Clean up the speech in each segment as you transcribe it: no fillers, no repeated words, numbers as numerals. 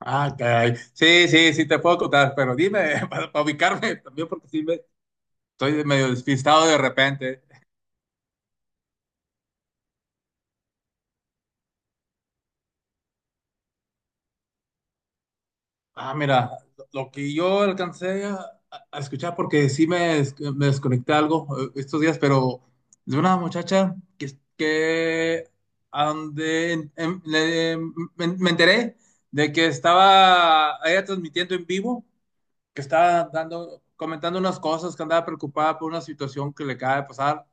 Ah, caray. Sí, sí, sí te puedo contar, pero dime, para ubicarme también, porque sí me, estoy medio despistado de repente. Ah, mira, lo que yo alcancé a escuchar, porque sí me, me desconecté algo estos días, pero de una muchacha que ande, me enteré de que estaba ella transmitiendo en vivo que estaba dando, comentando unas cosas, que andaba preocupada por una situación que le acaba de pasar.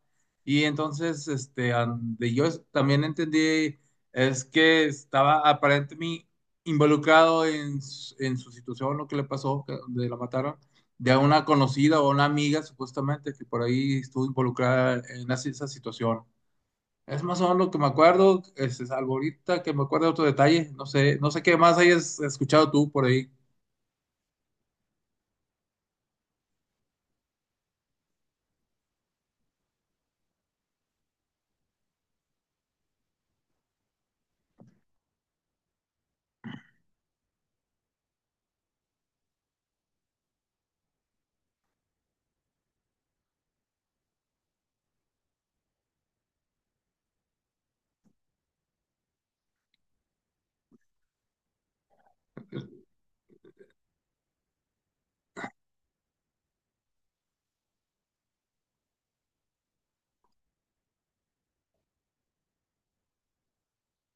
Y entonces, donde yo también entendí es que estaba aparentemente involucrado en, en su situación, lo que le pasó, donde la mataron, de una conocida o una amiga, supuestamente, que por ahí estuvo involucrada en esa situación. Es más o menos lo que me acuerdo, es algo ahorita que me acuerdo de otro detalle, no sé, no sé qué más hayas escuchado tú por ahí.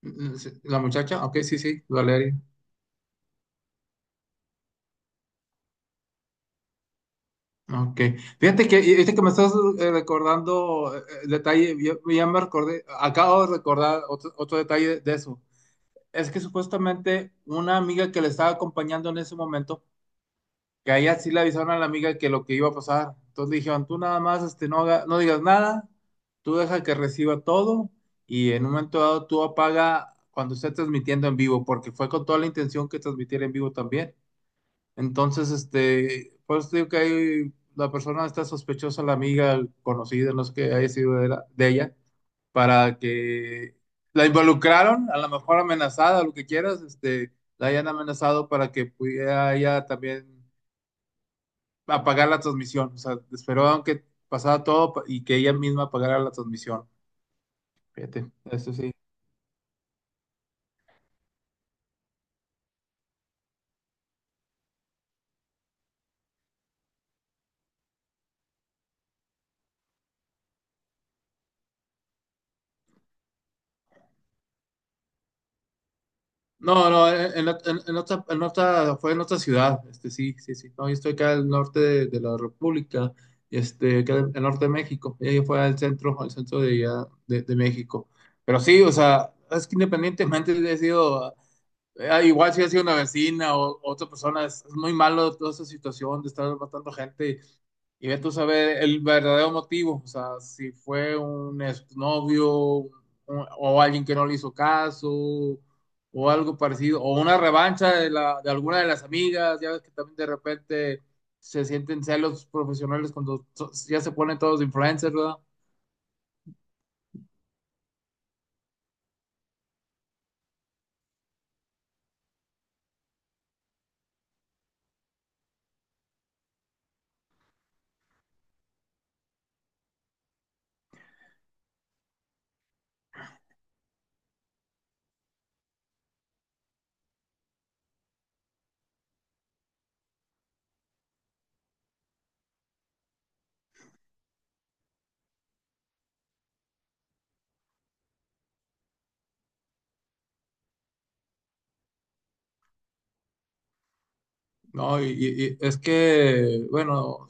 Mm, sí, la muchacha, ok, sí, sí, Valeria. Ok. Fíjate que, viste que me estás recordando el detalle, yo ya me recordé, acabo de recordar otro, otro detalle de eso. Es que supuestamente una amiga que le estaba acompañando en ese momento, que a ella sí le avisaron a la amiga que lo que iba a pasar. Entonces dijeron, tú nada más no, no digas nada, tú deja que reciba todo y en un momento dado tú apaga cuando esté transmitiendo en vivo, porque fue con toda la intención que transmitiera en vivo también. Entonces, pues digo que ahí la persona está sospechosa, la amiga conocida, no sé qué haya sido de, de ella, para que la involucraron, a lo mejor amenazada, lo que quieras, la hayan amenazado para que pudiera ella también apagar la transmisión. O sea, esperaron que pasara todo y que ella misma apagara la transmisión. Fíjate, eso sí. No, no, fue en otra ciudad, sí, sí, sí, no, yo estoy acá al norte de la República, acá en el norte de México, y ella fue al centro de, allá de México, pero sí, o sea, es que independientemente de haya sido, igual si ha sido una vecina o otra persona, es muy malo toda esa situación de estar matando gente, y ves tú saber el verdadero motivo, o sea, si fue un exnovio o alguien que no le hizo caso o algo parecido, o una revancha de, la, de alguna de las amigas, ya ves que también de repente se sienten celos profesionales cuando ya se ponen todos influencers, ¿verdad? No, y es que, bueno,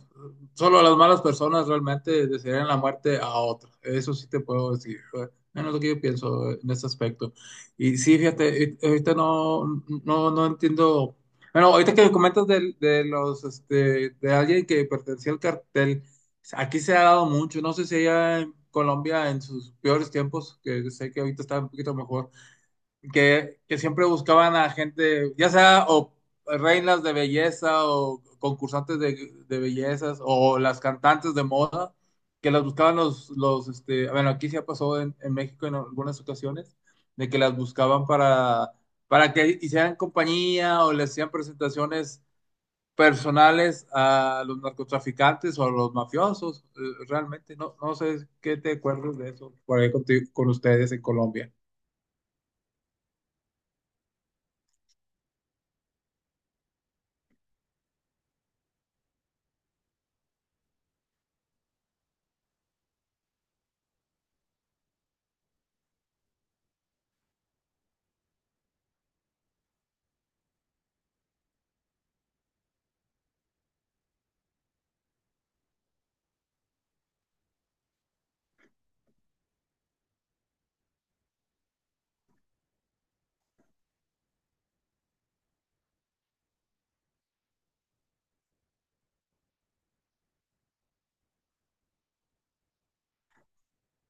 solo las malas personas realmente desearían la muerte a otros. Eso sí te puedo decir. Menos lo que yo pienso en este aspecto. Y sí, fíjate, ahorita no, no, no entiendo. Bueno, ahorita que comentas de, los, de alguien que pertenecía al cartel, aquí se ha dado mucho. No sé si allá en Colombia en sus peores tiempos, que sé que ahorita está un poquito mejor que siempre buscaban a gente, ya sea o reinas de belleza o concursantes de bellezas o las cantantes de moda, que las buscaban los bueno, aquí ya pasó en México en algunas ocasiones, de que las buscaban para que hicieran compañía o les hacían presentaciones personales a los narcotraficantes o a los mafiosos, realmente, no, no sé qué te acuerdas de eso por ahí con ustedes en Colombia.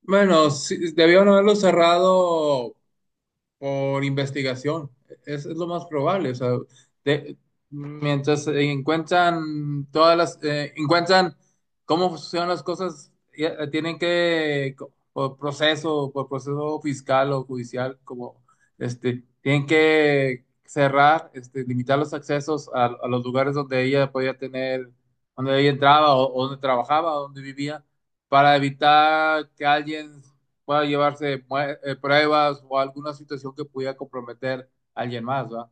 Bueno, sí, debieron haberlo cerrado por investigación. Es lo más probable. O sea, de- mientras encuentran todas las, encuentran cómo funcionan las cosas, ya, tienen que, por proceso fiscal o judicial, como tienen que cerrar, limitar los accesos a los lugares donde ella podía tener, donde ella entraba o donde trabajaba, o donde vivía para evitar que alguien pueda llevarse pruebas o alguna situación que pudiera comprometer a alguien más, ¿va?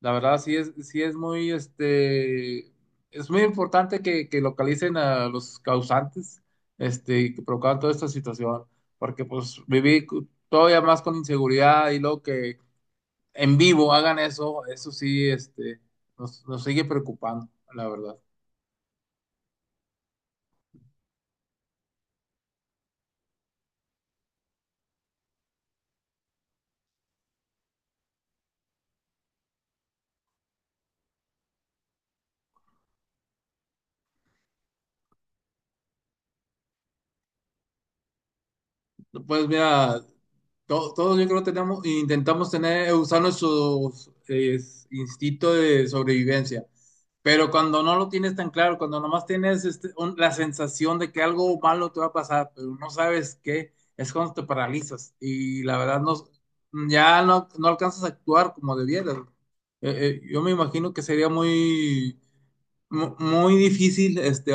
La verdad sí es muy, es muy importante que localicen a los causantes, que provocaron toda esta situación, porque pues viví todavía más con inseguridad y luego que en vivo hagan eso, eso sí, nos, nos sigue preocupando, la verdad. Pues mira, todos, yo creo tenemos, intentamos tener, usar nuestros instintos de sobrevivencia, pero cuando no lo tienes tan claro, cuando nomás tienes la sensación de que algo malo te va a pasar, pero no sabes qué, es cuando te paralizas y la verdad no, ya no, no alcanzas a actuar como debieras. Yo me imagino que sería muy muy difícil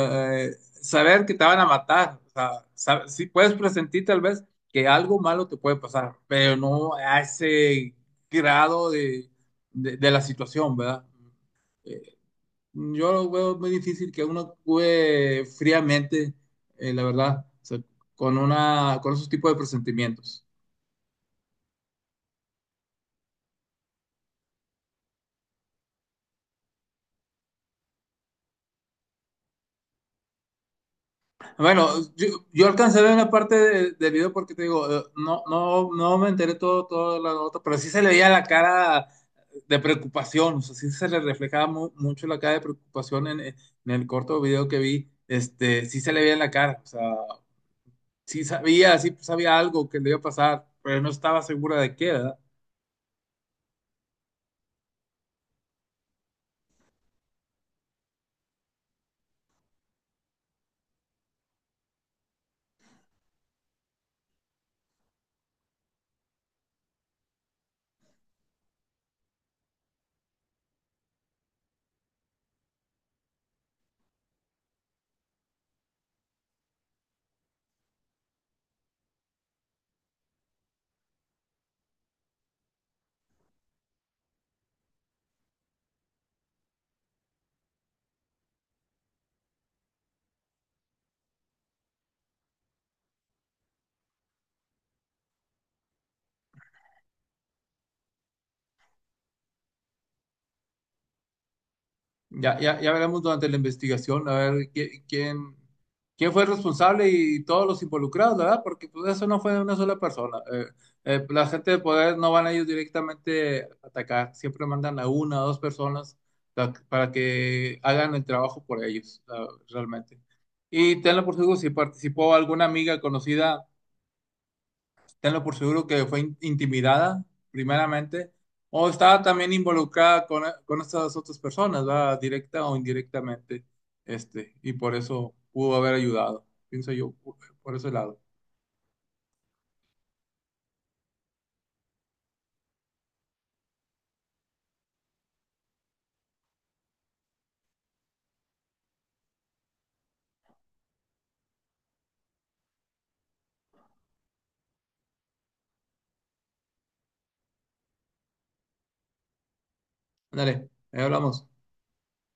eh, saber que te van a matar. O sea, sí puedes presentir tal vez que algo malo te puede pasar, pero no a ese grado de la situación, ¿verdad? Eh, yo lo veo muy difícil que uno actúe fríamente, la verdad, o sea, con, una, con esos tipos de presentimientos. Bueno, yo alcancé a ver una parte del video porque te digo, no, no, no me enteré todo, todo la nota, pero sí se le veía la cara de preocupación, o sea, sí se le reflejaba mucho la cara de preocupación en el corto video que vi, sí se le veía en la cara, o sea, sí sabía algo que le iba a pasar, pero no estaba segura de qué, ¿verdad? Ya, ya, ya veremos durante la investigación, a ver quién, quién fue el responsable y todos los involucrados, ¿verdad? Porque pues eso no fue una sola persona. La gente de poder no van a ellos directamente a atacar, siempre mandan a una o dos personas para que hagan el trabajo por ellos, ah, realmente. Y tenlo por seguro, si participó alguna amiga conocida tenlo por seguro que fue intimidada, primeramente, o estaba también involucrada con estas otras personas, ¿verdad? Directa o indirectamente, y por eso pudo haber ayudado, pienso yo, por ese lado. Ándale, ahí hablamos.